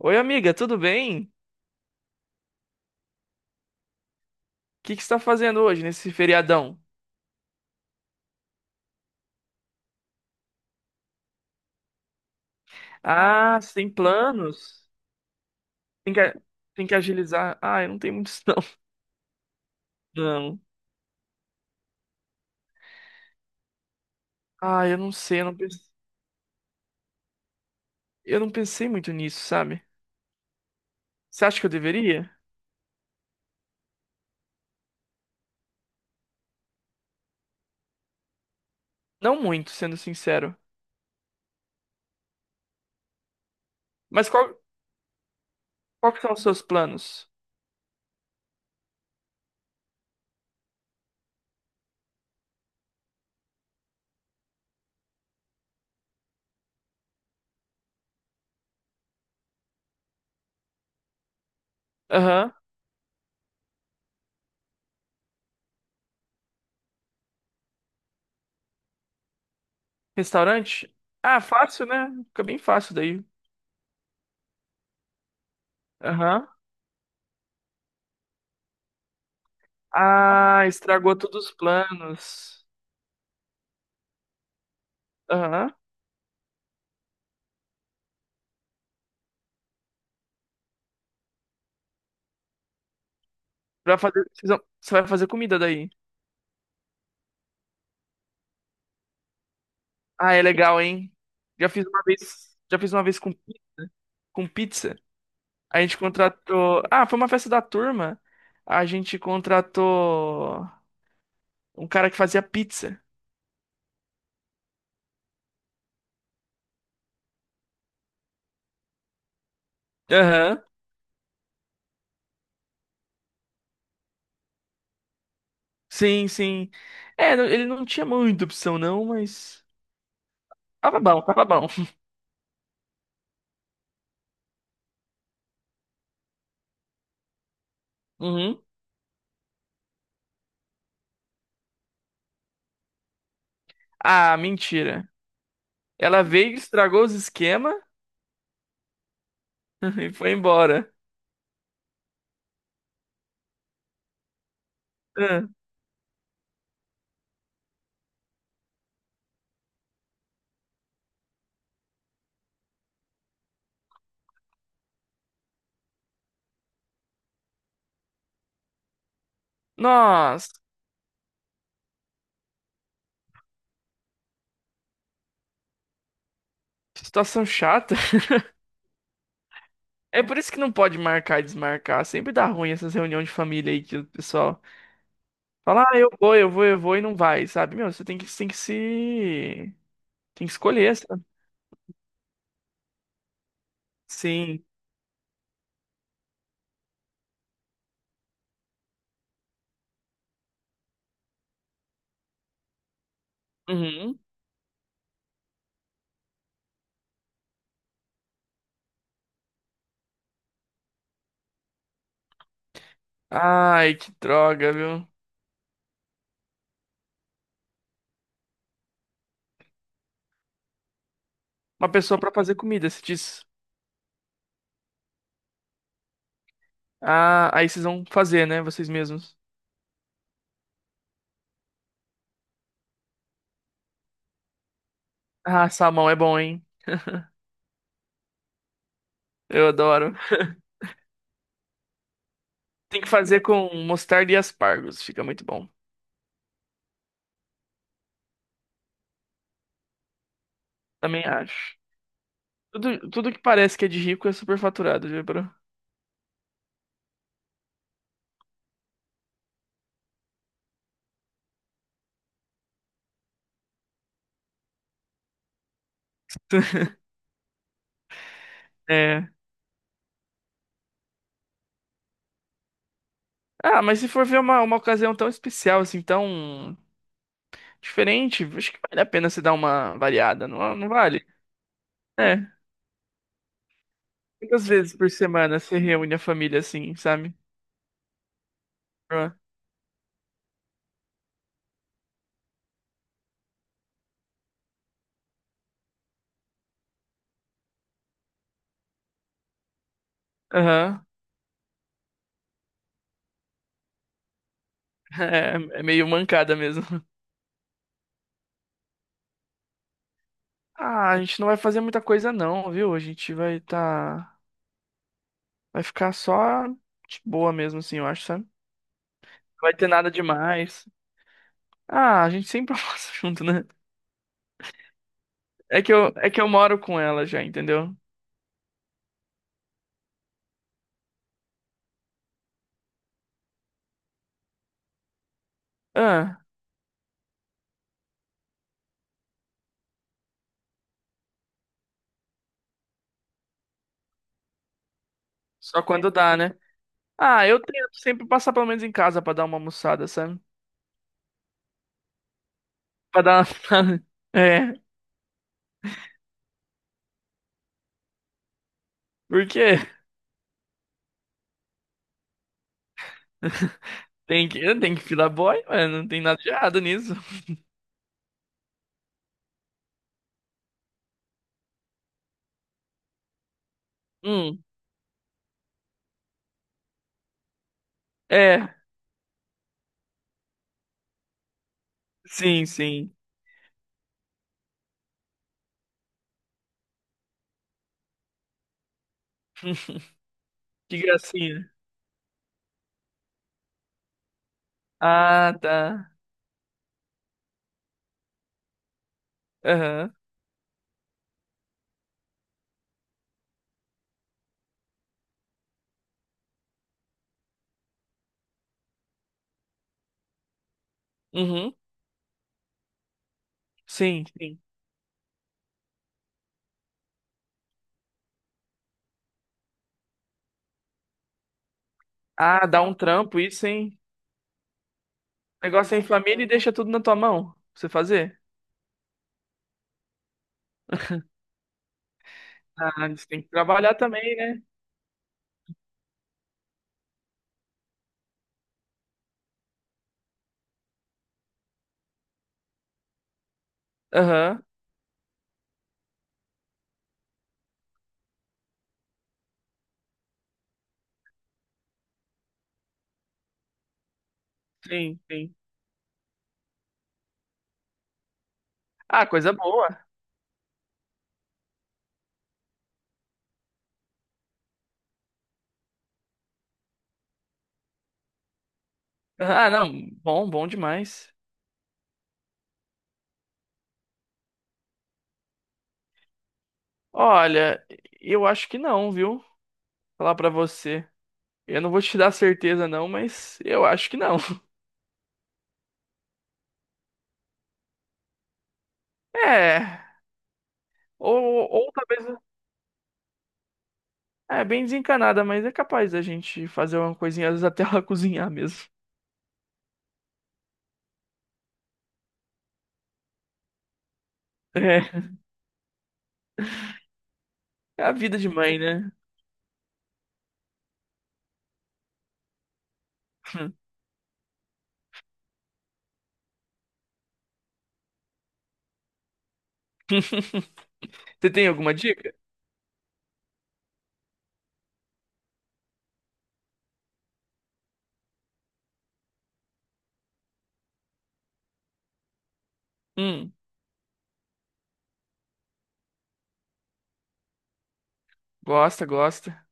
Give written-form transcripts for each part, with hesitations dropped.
Oi, amiga, tudo bem? O que que você está fazendo hoje nesse feriadão? Ah, você tem planos? Tem que, tem que agilizar. Ah, eu não tenho muitos, não. Não. Ah, eu não sei, eu não pensei muito nisso, sabe? Você acha que eu deveria? Não muito, sendo sincero. Mas qual, qual que são os seus planos? Aham. Restaurante? Ah, fácil, né? Fica bem fácil daí. Aham. Ah, estragou todos os planos. Aham. Pra fazer, vocês vão- você vai fazer comida daí. Ah, é legal, hein? Já fiz uma vez com pizza. A gente contratou. Ah, foi uma festa da turma. A gente contratou um cara que fazia pizza. Aham. Sim, sim. Ele não tinha muita opção, não, mas. Tava bom, tava bom. Uhum. Ah, mentira. Ela veio, estragou os esquemas e foi embora. Ah. Nossa, que situação chata. É por isso que não pode marcar e desmarcar. Sempre dá ruim essas reuniões de família aí que o pessoal. Fala, ah, eu vou e não vai, sabe? Meu, você tem que se. Tem que escolher, sabe? Sim. Uhum. Ai, que droga, viu? Uma pessoa pra fazer comida, se diz. Ah, aí vocês vão fazer, né? Vocês mesmos. Ah, salmão é bom, hein? Eu adoro. Tem que fazer com mostarda e aspargos, fica muito bom. Também acho. Tudo que parece que é de rico é superfaturado, viu, bro? É. Ah, mas se for ver uma ocasião tão especial, assim, tão. Diferente, acho que vale a pena se dar uma variada, não, não vale? É. Quantas vezes por semana se reúne a família assim, sabe? Pra- Aham. É, é meio mancada mesmo. Ah, a gente não vai fazer muita coisa não, viu? A gente vai tá. Vai ficar só de boa mesmo, assim, eu acho, sabe? Não vai ter nada demais. Ah, a gente sempre almoça junto, né? É que eu moro com ela já, entendeu? Ah, só quando dá, né? Ah, eu tento sempre passar pelo menos em casa pra dar uma almoçada, sabe? Pra dar uma... É, por quê? Tem que filar boy, mano. Não tem nada de errado nisso. Hum, é. Sim, sim. Que gracinha. Ah, tá. Aham. Uhum. Sim, sim. Ah, dá um trampo, isso, hein? Negócio é em família e deixa tudo na tua mão. Pra você fazer? Ah, você tem que trabalhar também, né? Aham. Sim, sim. Ah, coisa boa. Ah, não. Bom, bom demais. Olha, eu acho que não, viu? Falar pra você. Eu não vou te dar certeza, não, mas eu acho que não. É. Ou talvez. É bem desencanada, mas é capaz da gente fazer uma coisinha, às vezes até ela cozinhar mesmo. É. É a vida de mãe, né? Você tem alguma dica? Hum, gosta, gosta.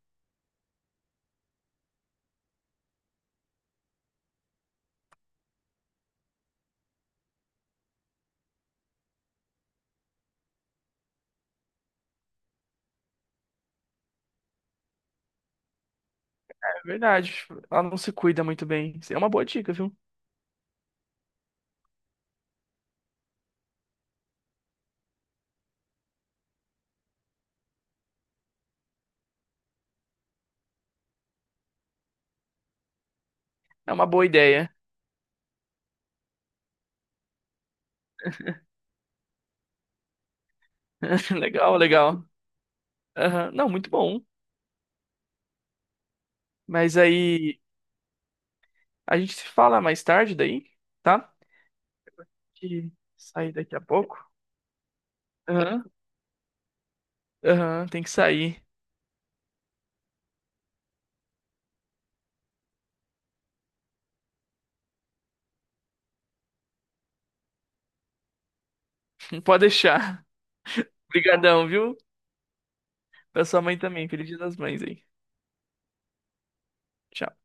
É verdade. Ela não se cuida muito bem. Isso é uma boa dica, viu? É uma boa ideia. Legal, legal. Aham. Não, muito bom. Mas aí a gente se fala mais tarde daí, tá? Que sair daqui a pouco. Aham. Aham, tem que sair. Não pode deixar. Obrigadão, viu? Pra sua mãe também. Feliz Dia das Mães aí. Tchau.